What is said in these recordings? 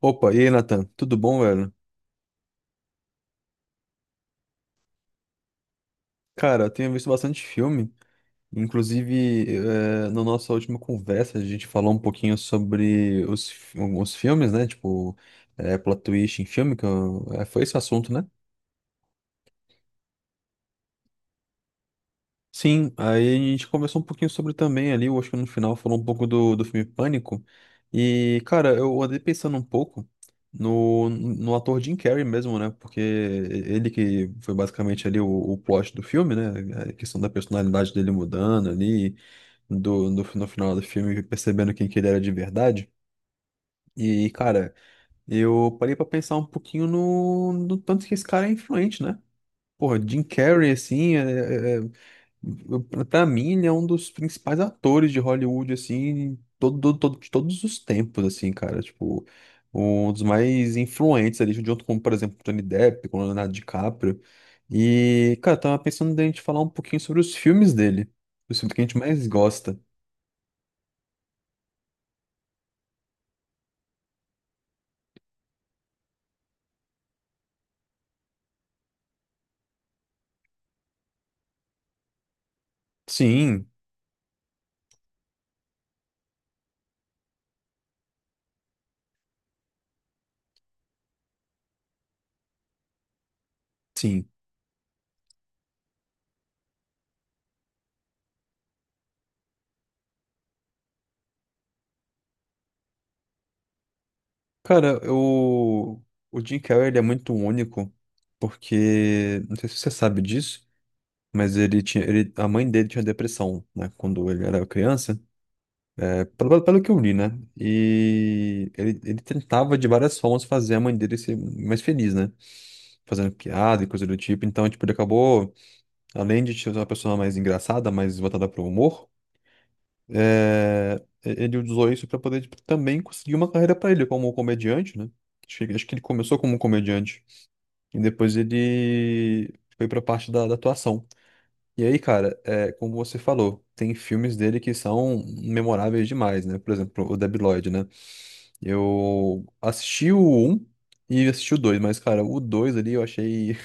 Opa, e aí, Nathan? Tudo bom, velho? Cara, eu tenho visto bastante filme. Inclusive, na nossa última conversa, a gente falou um pouquinho sobre alguns filmes, né? Tipo, plot twist em filme, foi esse assunto, né? Sim, aí a gente conversou um pouquinho sobre também ali, eu acho que no final falou um pouco do filme Pânico. E, cara, eu andei pensando um pouco no ator Jim Carrey mesmo, né? Porque ele que foi basicamente ali o plot do filme, né? A questão da personalidade dele mudando ali, no final do filme, percebendo quem que ele era de verdade. E, cara, eu parei pra pensar um pouquinho no tanto que esse cara é influente, né? Porra, Jim Carrey, assim, pra mim, ele é um dos principais atores de Hollywood, assim, de todos os tempos, assim, cara. Tipo, um dos mais influentes ali, junto com, por exemplo, Tony Depp, com Leonardo DiCaprio. E, cara, eu tava pensando da gente falar um pouquinho sobre os filmes dele, os filmes que a gente mais gosta. Sim, sim. Cara, eu... o Jim Carrey, ele é muito único, porque, não sei se você sabe disso, mas a mãe dele tinha depressão, né, quando ele era criança. Pelo que eu li, né? E ele tentava de várias formas fazer a mãe dele ser mais feliz, né? Fazendo piada e coisa do tipo. Então, tipo, ele acabou, além de ser uma pessoa mais engraçada, mais voltada para o humor, é, ele usou isso para poder tipo, também conseguir uma carreira para ele como comediante, né? Acho que ele começou como comediante e depois ele foi para a parte da atuação. E aí, cara, é, como você falou, tem filmes dele que são memoráveis demais, né? Por exemplo, o Debi Lloyd, né? Eu assisti o um e assisti o 2 mas, cara, o 2 ali eu achei.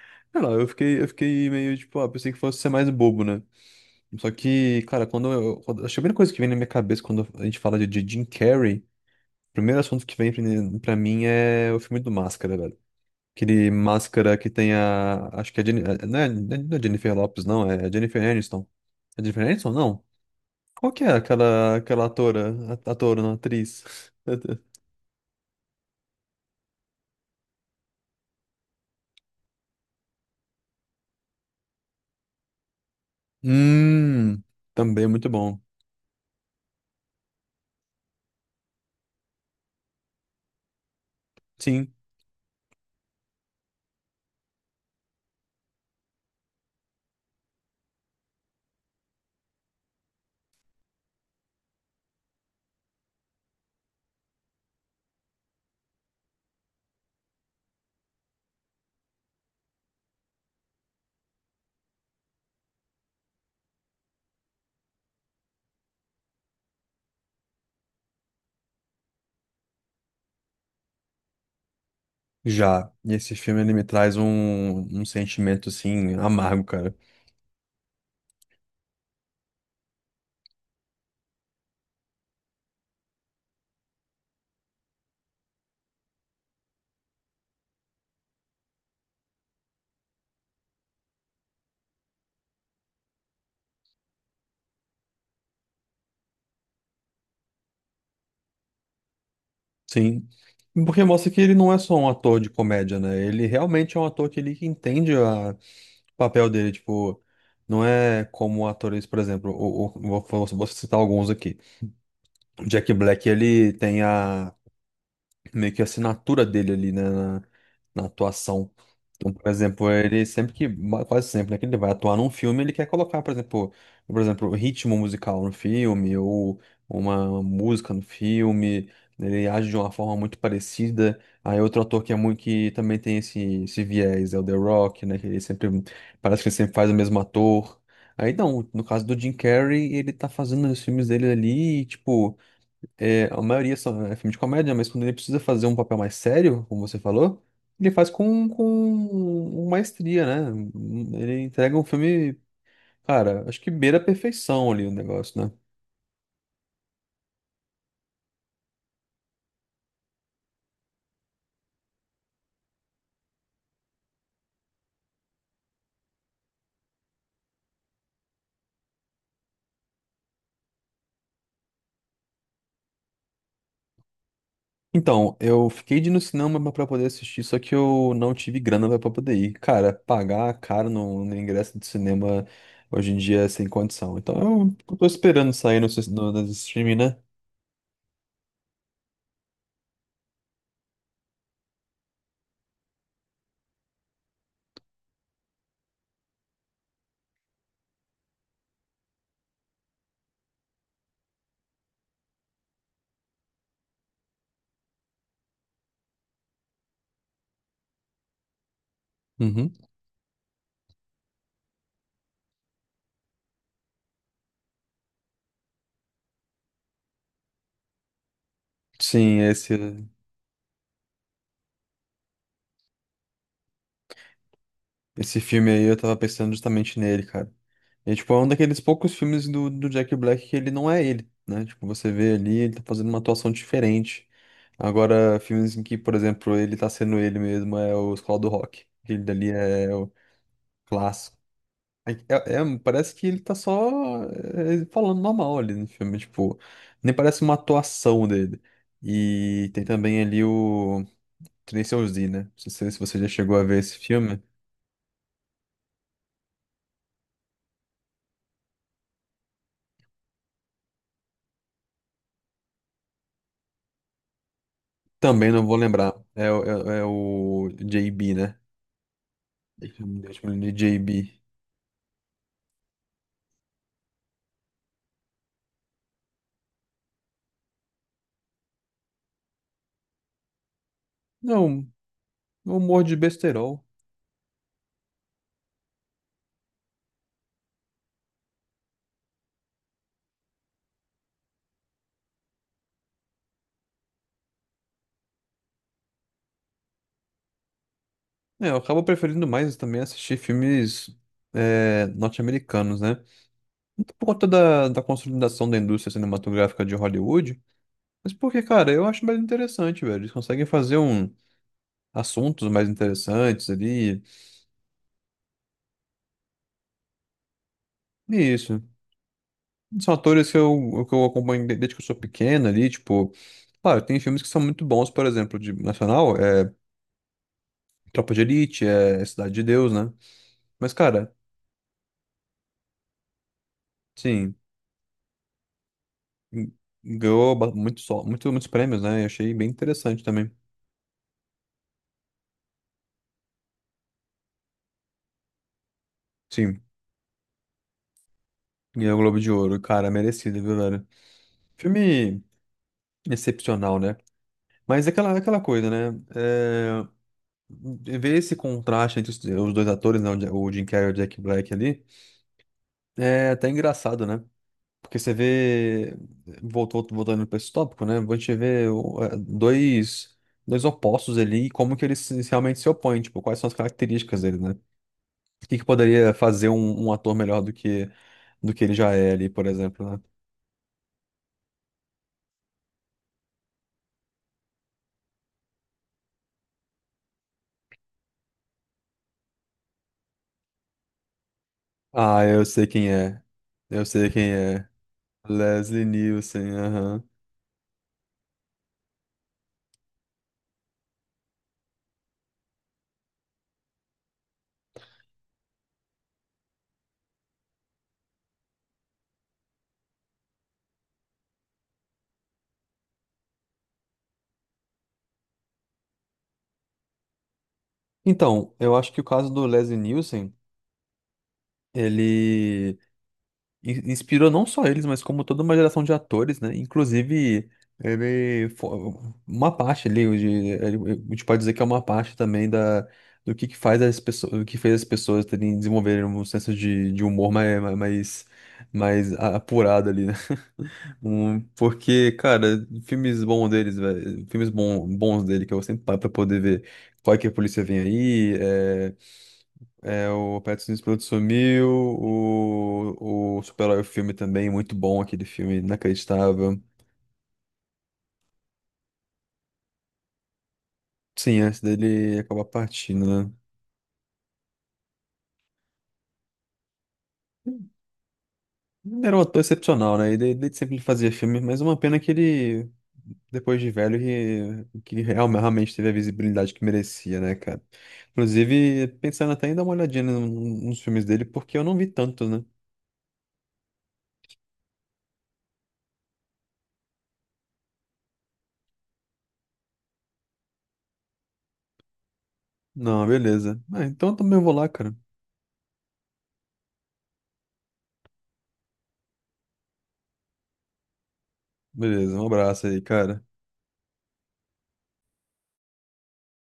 Sei lá, eu fiquei meio tipo, ah, pensei que fosse ser mais bobo, né? Só que, cara, quando eu. Quando, acho que a primeira coisa que vem na minha cabeça quando a gente fala de Jim Carrey, o primeiro assunto que vem pra mim é o filme do Máscara, velho. Aquele Máscara que tem a. Acho que é. Não é, não é Jennifer Lopes, não, é Jennifer Aniston. É Jennifer Aniston? Não. Qual que é aquela atora, não, atriz? Hum, também é muito bom. Sim, já. E esse filme ele me traz um sentimento assim amargo, cara. Sim. Porque mostra que ele não é só um ator de comédia, né? Ele realmente é um ator que ele que entende o papel dele, tipo, não é como atores, por exemplo, vou citar alguns aqui. O Jack Black, ele tem a meio que a assinatura dele ali, né, na atuação. Então, por exemplo, ele sempre que, ma- quase sempre, né, que ele vai atuar num filme, ele quer colocar, por exemplo, ritmo musical no filme, ou uma música no filme, ele age de uma forma muito parecida. Aí outro ator que é muito, que também tem esse viés, é o The Rock, né, que ele sempre, parece que ele sempre faz o mesmo ator. Aí não, no caso do Jim Carrey, ele tá fazendo os filmes dele ali, tipo, é, a maioria são é filme de comédia, mas quando ele precisa fazer um papel mais sério, como você falou, ele faz com maestria, né? Ele entrega um filme, cara, acho que beira a perfeição ali o negócio, né? Então, eu fiquei de ir no cinema pra poder assistir, só que eu não tive grana pra poder ir. Cara, pagar caro no ingresso de cinema hoje em dia é sem condição. Então, eu tô esperando sair no streaming, né? Uhum. Sim, esse filme aí eu tava pensando justamente nele, cara. E, tipo, é um daqueles poucos filmes do Jack Black que ele não é ele, né? Tipo, você vê ali, ele tá fazendo uma atuação diferente. Agora, filmes em que, por exemplo, ele tá sendo ele mesmo é o Escola do Rock. Aquele dali é o clássico. É, parece que ele tá só é, falando normal ali no filme, tipo, nem parece uma atuação dele. E tem também ali o Tracy Z, né? Não sei se você já chegou a ver esse filme. Também não vou lembrar. É, é o JB, né? Deixa eu de JB. Não, eu morro de besterol. É, eu acabo preferindo mais também assistir filmes é, norte-americanos, né? Não por conta da consolidação da indústria cinematográfica de Hollywood, mas porque, cara, eu acho mais interessante, velho. Eles conseguem fazer um, assuntos mais interessantes ali. E isso. São atores que que eu acompanho desde que eu sou pequeno ali, tipo. Claro, tem filmes que são muito bons, por exemplo, de nacional, é Tropa de Elite, é Cidade de Deus, né? Mas, cara. Sim, ganhou ba- muito, só- muito, muitos prêmios, né? E achei bem interessante também. Sim, ganhou o Globo de Ouro, cara, merecido, viu, velho? Filme excepcional, né? Mas é é aquela coisa, né? É, ver esse contraste entre os dois atores, né? O Jim Carrey e o Jack Black ali, é até engraçado, né? Porque você vê, voltando para esse tópico, né? A gente vê é, dois opostos ali e como que eles se- realmente se opõem, tipo, quais são as características deles, né? O que que poderia fazer um ator melhor do que ele já é ali, por exemplo, né? Ah, eu sei quem é. Eu sei quem é. Leslie Nielsen, aham. Então, eu acho que o caso do Leslie Nielsen, ele. Inspirou não só eles, mas como toda uma geração de atores, né? Inclusive, uma parte ali, a gente pode dizer que é uma parte também da do que faz as pessoas, do que fez as pessoas terem desenvolverem um senso de humor mais apurado ali, né? Porque, cara, filmes bons deles, velho. Bons dele que eu sempre paro pra poder ver qual é que a polícia vem aí. É, é o Pattinson Explode Sumiu, o Super-Herói filme também, muito bom aquele filme, inacreditável. Sim, antes dele acaba partindo, Ele era um ator excepcional, né? Ele sempre fazia filme, mas uma pena que ele, depois de velho, realmente teve a visibilidade que merecia, né, cara? Inclusive, pensando até em dar uma olhadinha nos filmes dele, porque eu não vi tantos, né? Não, beleza. Ah, então eu também vou lá, cara. Beleza, um abraço aí, cara.